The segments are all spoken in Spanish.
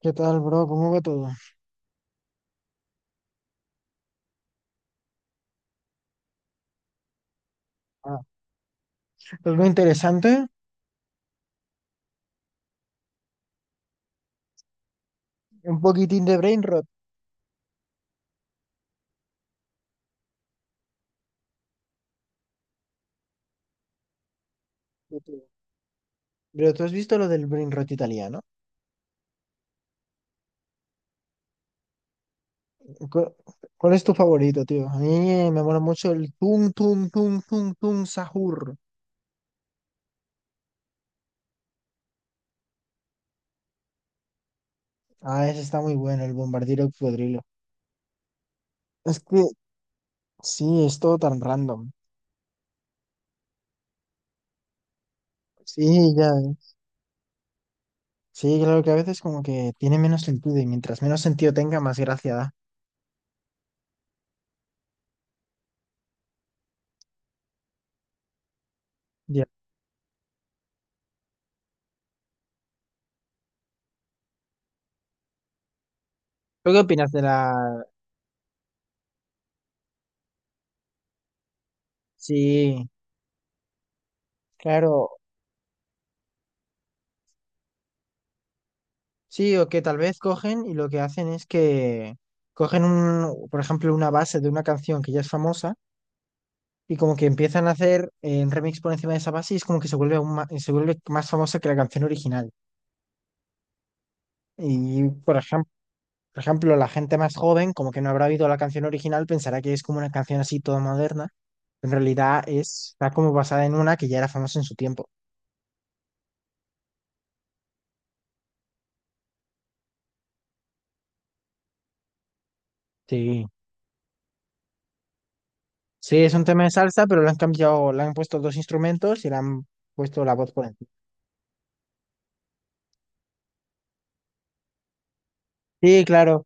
¿Qué tal, bro? ¿Cómo va todo? Ah, algo interesante, un poquitín de brain rot, yo creo. Pero ¿tú has visto lo del brain rot italiano? ¿Cu- ¿Cuál es tu favorito, tío? A mí me mola mucho el tum tum tum tum tum sahur. Ah, ese está muy bueno, el bombardiro cocodrilo. Es que sí, es todo tan random. Sí, ya. Sí, claro que a veces como que tiene menos sentido y mientras menos sentido tenga, más gracia da. Ya. ¿Tú qué opinas de la...? Sí, claro. Sí, o que tal vez cogen y lo que hacen es que cogen un, por ejemplo, una base de una canción que ya es famosa y como que empiezan a hacer un remix por encima de esa base y es como que se vuelve se vuelve más famosa que la canción original. Y por ejemplo, la gente más joven, como que no habrá oído la canción original, pensará que es como una canción así toda moderna. En realidad es, está como basada en una que ya era famosa en su tiempo. Sí. Sí, es un tema de salsa, pero le han cambiado, le han puesto dos instrumentos y le han puesto la voz por encima. Sí, claro.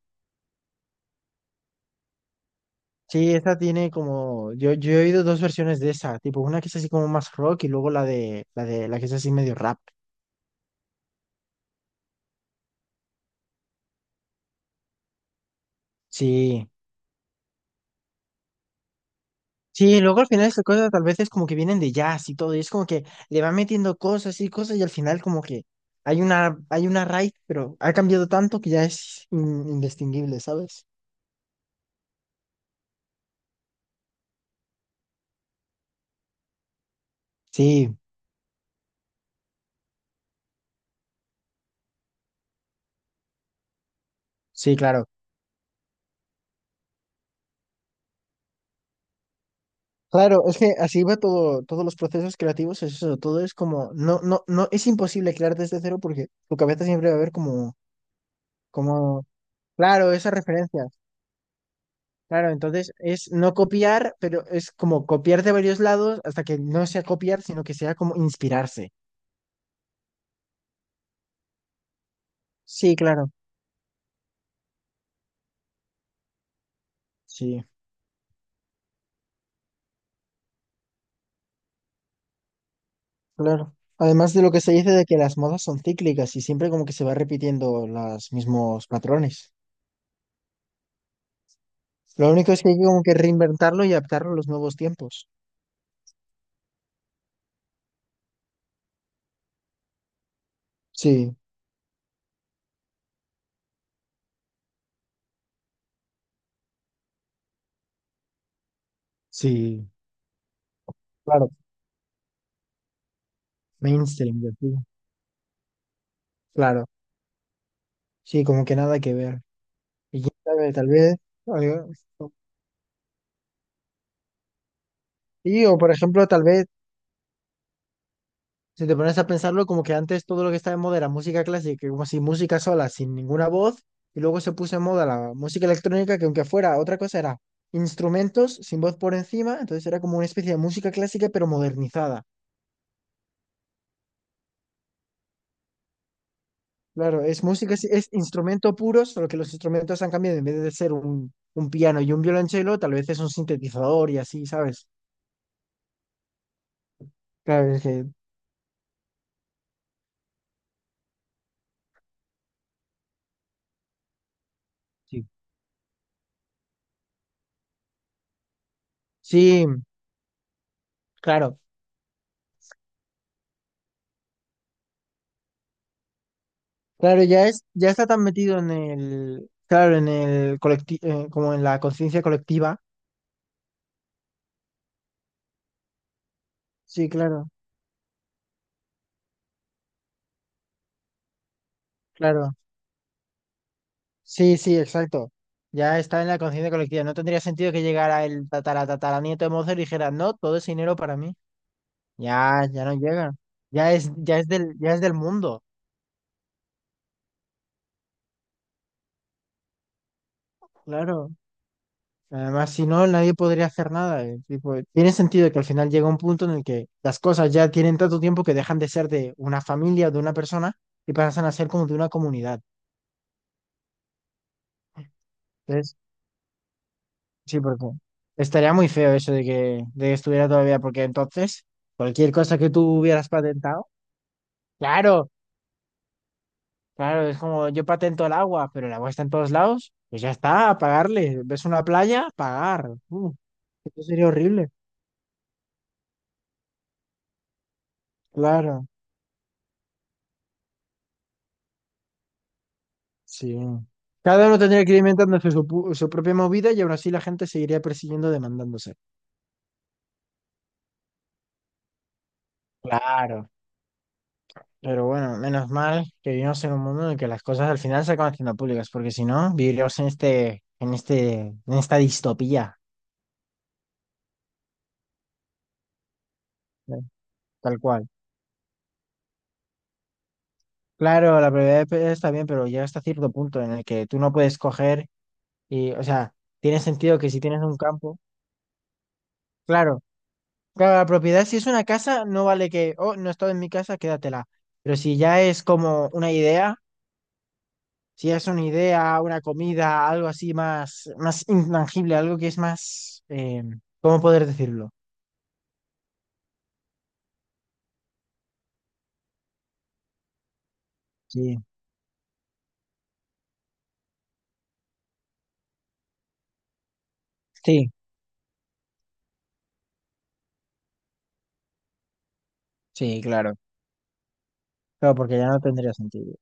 Sí, esta tiene como, yo he oído dos versiones de esa, tipo una que es así como más rock y luego la que es así medio rap. Sí, sí, luego al final esas cosas tal vez es como que vienen de jazz y todo, y es como que le va metiendo cosas y cosas y al final como que hay una raíz, pero ha cambiado tanto que ya es indistinguible, ¿sabes? Sí, sí, claro. Claro, es que así va todo, todos los procesos creativos, es eso, todo es como, no, no, no, es imposible crear desde cero porque tu cabeza siempre va a ver como... como claro, esas referencias. Claro, entonces es no copiar, pero es como copiar de varios lados hasta que no sea copiar, sino que sea como inspirarse. Sí, claro. Sí, claro. Además de lo que se dice de que las modas son cíclicas y siempre como que se va repitiendo los mismos patrones. Lo único es que hay que como que reinventarlo y adaptarlo a los nuevos tiempos. Sí, sí, claro. Mainstream, yo digo. Claro. Sí, como que nada que ver. Y quién sabe, tal vez algo- sí, o por ejemplo, tal vez. Si te pones a pensarlo, como que antes todo lo que estaba en moda era música clásica, como si música sola, sin ninguna voz, y luego se puso en moda la música electrónica, que aunque fuera otra cosa, era instrumentos sin voz por encima, entonces era como una especie de música clásica, pero modernizada. Claro, es música, es instrumento puro, solo que los instrumentos han cambiado, en vez de ser un piano y un violonchelo, tal vez es un sintetizador y así, ¿sabes? Claro, es que sí, sí, claro. Claro, ya es, ya está tan metido en el, claro, en el colectivo, como en la conciencia colectiva. Sí, claro, claro. Sí, sí, exacto. Ya está en la conciencia colectiva. No tendría sentido que llegara el tatara tataranieto de Mozart y dijera, no, todo ese dinero para mí. Ya, ya no llega. Ya es del mundo. Claro. Además, si no, nadie podría hacer nada. Tipo, tiene sentido que al final llega un punto en el que las cosas ya tienen tanto tiempo que dejan de ser de una familia o de una persona y pasan a ser como de una comunidad. Entonces, sí, porque estaría muy feo eso de que estuviera todavía, porque entonces cualquier cosa que tú hubieras patentado, claro, claro, es como yo patento el agua, pero el agua está en todos lados, pues ya está, a pagarle. ¿Ves una playa? Pagar. Eso sería horrible. Claro, sí. Cada uno tendría que ir inventándose su, su propia movida y aún así la gente seguiría persiguiendo demandándose. Claro. Pero bueno, menos mal que vivimos en un mundo en el que las cosas al final se acaban haciendo públicas, porque si no, viviríamos en esta distopía, ¿eh? Tal cual. Claro, la prioridad está bien, pero llega hasta cierto punto en el que tú no puedes coger y, o sea, tiene sentido que si tienes un campo, claro, claro, la propiedad si es una casa, no vale que, oh, no he estado en mi casa, quédatela. Pero si ya es como una idea, si es una idea, una comida, algo así más, más intangible, algo que es más, ¿cómo poder decirlo? Sí, sí, sí, claro. Claro, porque ya no tendría sentido.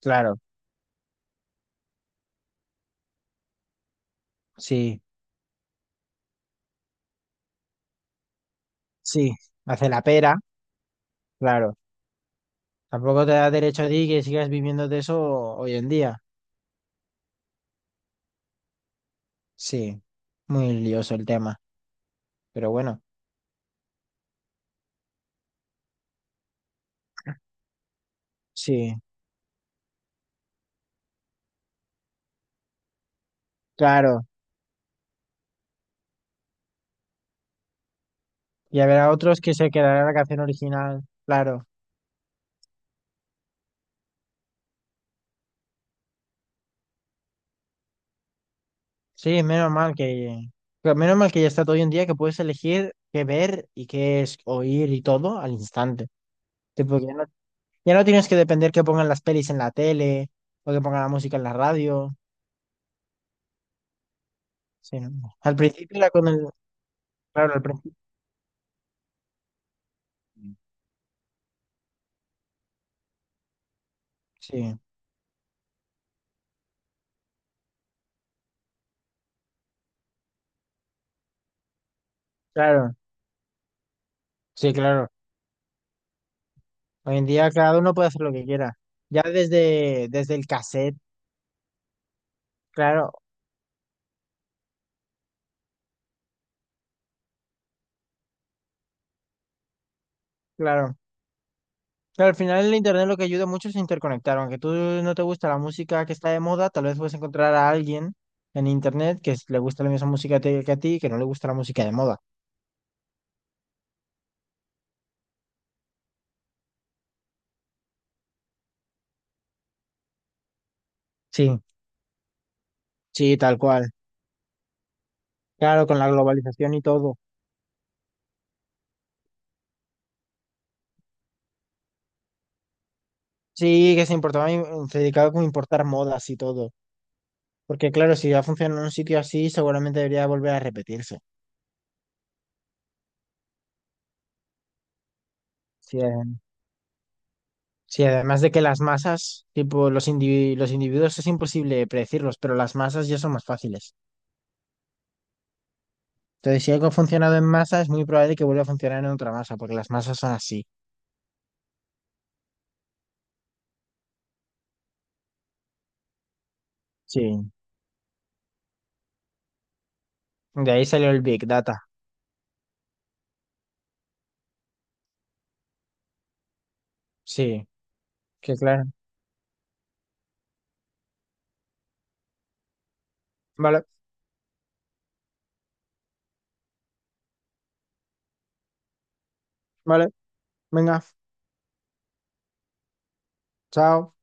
Claro, sí, sí. Hace la pera, claro. Tampoco te da derecho a ti que sigas viviendo de eso hoy en día. Sí, muy lioso el tema. Pero bueno, sí, claro. Y habrá otros que se quedarán en la canción original, claro. Sí, menos mal que, menos mal que ya está todo hoy en día que puedes elegir qué ver y qué es oír y todo al instante. Tipo, ya no, ya no tienes que depender que pongan las pelis en la tele o que pongan la música en la radio. Sí, no. Al principio era con el, claro, al principio. Sí, claro, sí, claro. Hoy en día cada uno puede hacer lo que quiera. Ya desde, desde el cassette, claro, claro. Pero al final el internet lo que ayuda mucho es interconectar. Aunque tú no te gusta la música que está de moda, tal vez puedes encontrar a alguien en internet que le gusta la misma música que a ti y que no le gusta la música de moda. Sí, sí, tal cual. Claro, con la globalización y todo. Sí, que se importaba, se dedicaba como a importar modas y todo. Porque claro, si ya funciona en un sitio así, seguramente debería volver a repetirse. Sí, sí, además de que las masas, tipo los individuos es imposible predecirlos, pero las masas ya son más fáciles. Entonces, si algo ha funcionado en masa, es muy probable que vuelva a funcionar en otra masa, porque las masas son así. Sí. De ahí salió el Big Data. Sí, que claro. Vale, vale, venga, chao.